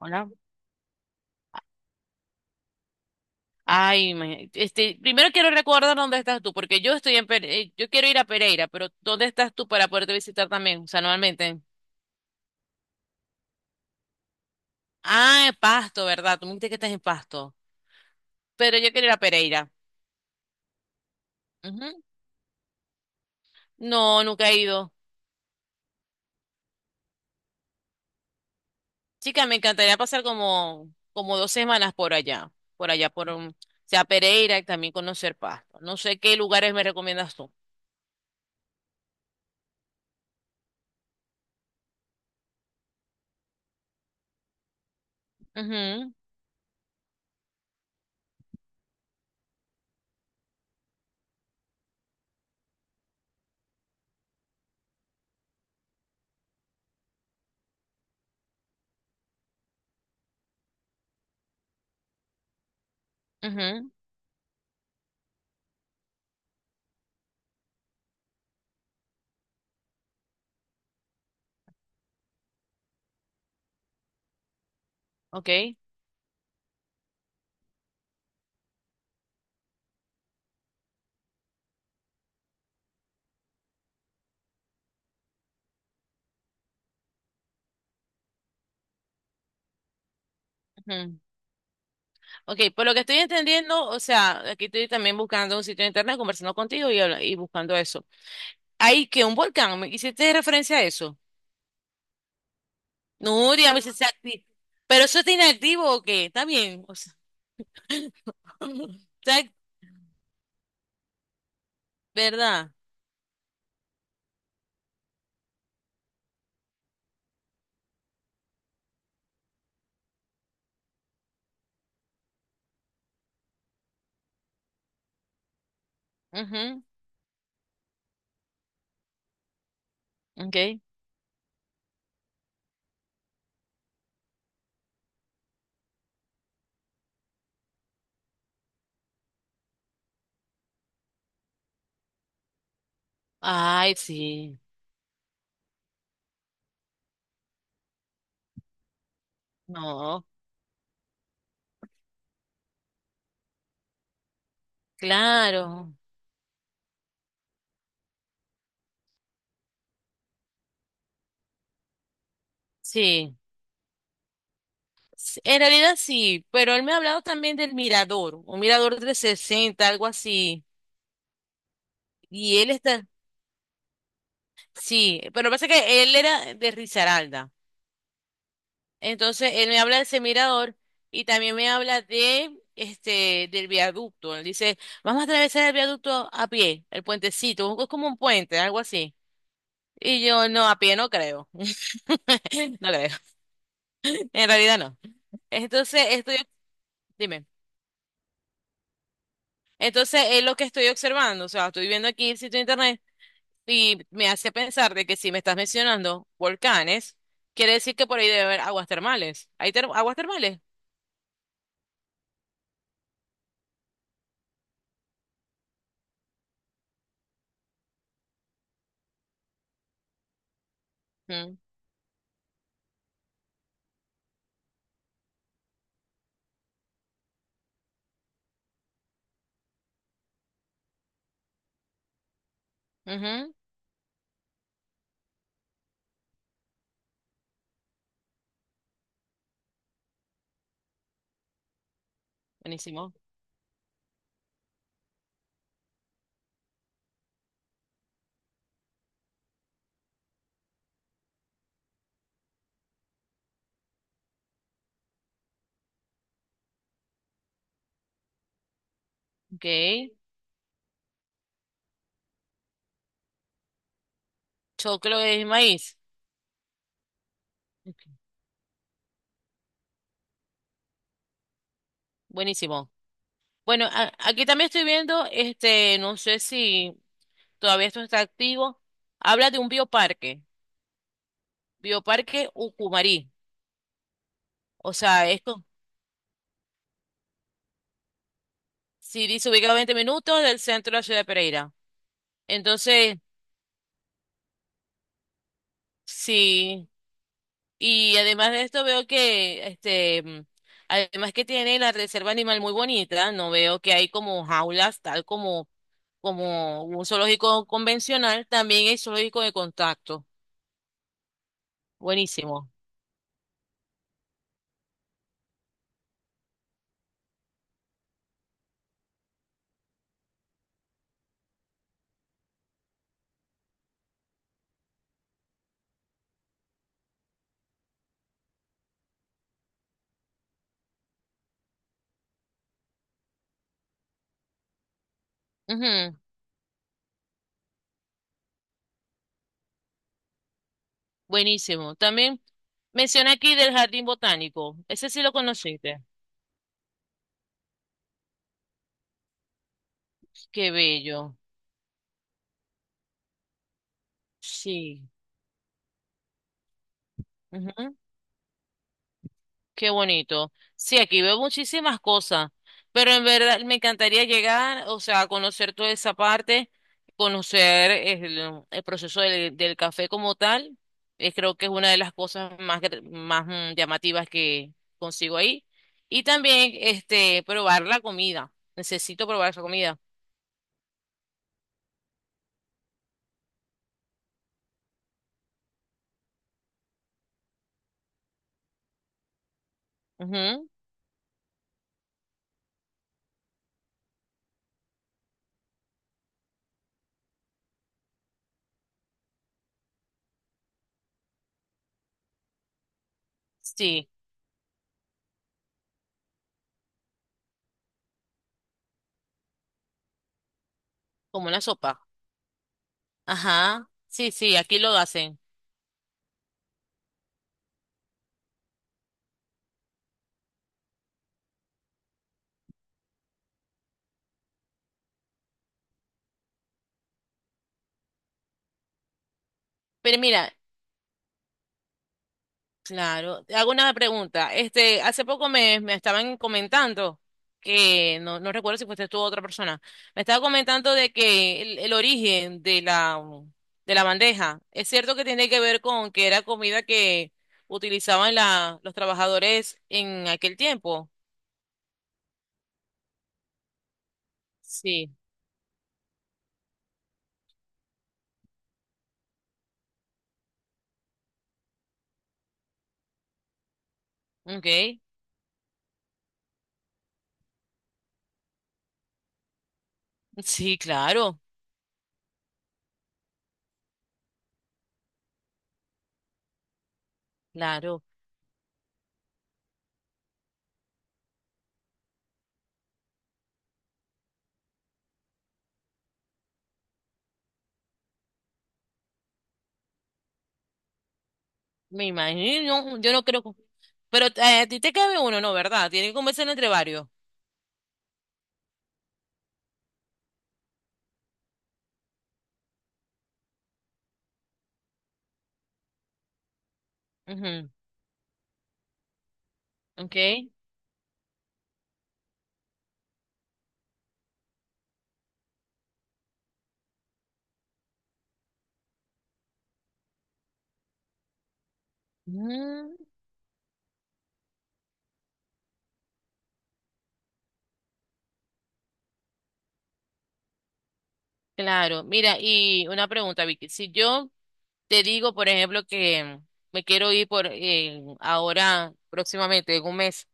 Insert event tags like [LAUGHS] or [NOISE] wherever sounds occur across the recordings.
Hola. Ay, primero quiero recordar dónde estás tú, porque yo quiero ir a Pereira, pero ¿dónde estás tú para poderte visitar también? O sea, normalmente. Ah, en Pasto, ¿verdad? Tú me dijiste que estás en Pasto. Pero yo quiero ir a Pereira. Ujú. No, nunca he ido. Chica, me encantaría pasar como 2 semanas por allá, o sea, Pereira y también conocer Pasto. No sé qué lugares me recomiendas tú. Ujú, ujú, ok. Ujú. Ok, por lo que estoy entendiendo, o sea, aquí estoy también buscando un sitio de internet, conversando contigo y, y buscando eso. Hay que un volcán, ¿me hiciste referencia a eso? No, digamos, si está activo. ¿Pero eso está inactivo o qué? Está bien, o sea, [LAUGHS] está, ¿verdad? Ujú, ok. Ay, sí, no, claro, sí. En realidad sí, pero él me ha hablado también del mirador, un mirador 360, algo así. Y él está, sí, pero pasa que él era de Risaralda. Entonces, él me habla de ese mirador y también me habla de este del viaducto. Él dice, vamos a atravesar el viaducto a pie, el puentecito, es como un puente, algo así. Y yo, no, a pie no creo. [LAUGHS] No creo. En realidad no. Entonces, estoy, dime. Entonces, es lo que estoy observando. O sea, estoy viendo aquí el sitio de internet y me hace pensar de que si me estás mencionando volcanes, quiere decir que por ahí debe haber aguas termales. ¿ aguas termales? Hmm. Ujú, buenísimo. Ok. Choclo es maíz. Ok. Buenísimo. Bueno, aquí también estoy viendo, este, no sé si todavía esto está activo. Habla de un bioparque. Bioparque Ucumarí. O sea, esto con, si dice ubicado a 20 minutos del centro de la ciudad de Pereira. Entonces, sí. Y además de esto veo que, además que tiene la reserva animal muy bonita, no veo que hay como jaulas, tal como como un zoológico convencional, también hay zoológico de contacto. Buenísimo. Ujú, buenísimo. También menciona aquí del jardín botánico. Ese sí lo conociste. Qué bello. Sí. Ujú. Qué bonito. Sí, aquí veo muchísimas cosas, pero en verdad me encantaría llegar, o sea, a conocer toda esa parte, conocer el proceso del café como tal. Creo que es una de las cosas más, llamativas que consigo ahí. Y también, este, probar la comida. Necesito probar esa comida. Ujú, sí, como una sopa. Ajá. Sí, sí, aquí lo hacen. Pero mira, claro, te hago una pregunta. Este, hace poco me estaban comentando que no, no recuerdo si fuiste tú o otra persona. Me estaba comentando de que el origen de la bandeja es cierto que tiene que ver con que era comida que utilizaban la, los trabajadores en aquel tiempo. Sí, okay. Sí, claro, claro. Me imagino, yo no creo. Que- Pero a ti te cabe uno, ¿no? ¿Verdad? Tiene que comerse entre varios. Ujú, okay. Mm. Claro, mira, y una pregunta, Vicky. Si yo te digo, por ejemplo, que me quiero ir por ahora, próximamente, en 1 mes,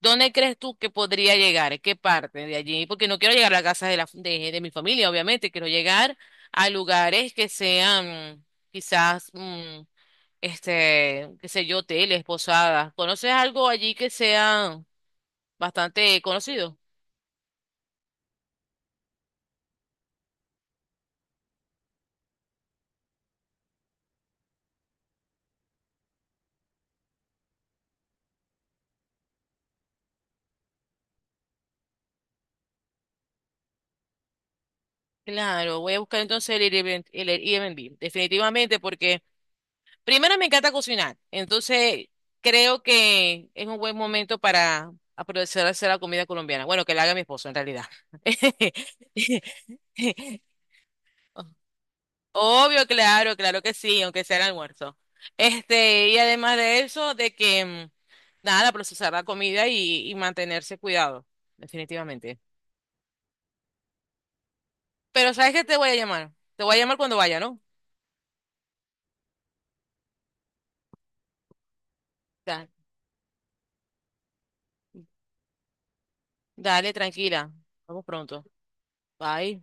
¿dónde crees tú que podría llegar? ¿En ¿qué parte de allí? Porque no quiero llegar a la casa de de mi familia, obviamente. Quiero llegar a lugares que sean quizás, mm, este, qué sé yo, hoteles, posadas. ¿Conoces algo allí que sea bastante conocido? Claro, voy a buscar entonces el Airbnb, definitivamente, porque primero me encanta cocinar, entonces creo que es un buen momento para aprovechar a hacer la comida colombiana. Bueno, que la haga mi esposo en realidad. [LAUGHS] Obvio, claro, claro que sí, aunque sea el almuerzo. Este, y además de eso, de que mm, nada, procesar la comida y mantenerse cuidado, definitivamente. Pero ¿sabes qué te voy a llamar? Te voy a llamar cuando vaya, ¿no? Da- Dale, tranquila. Vamos pronto. Bye.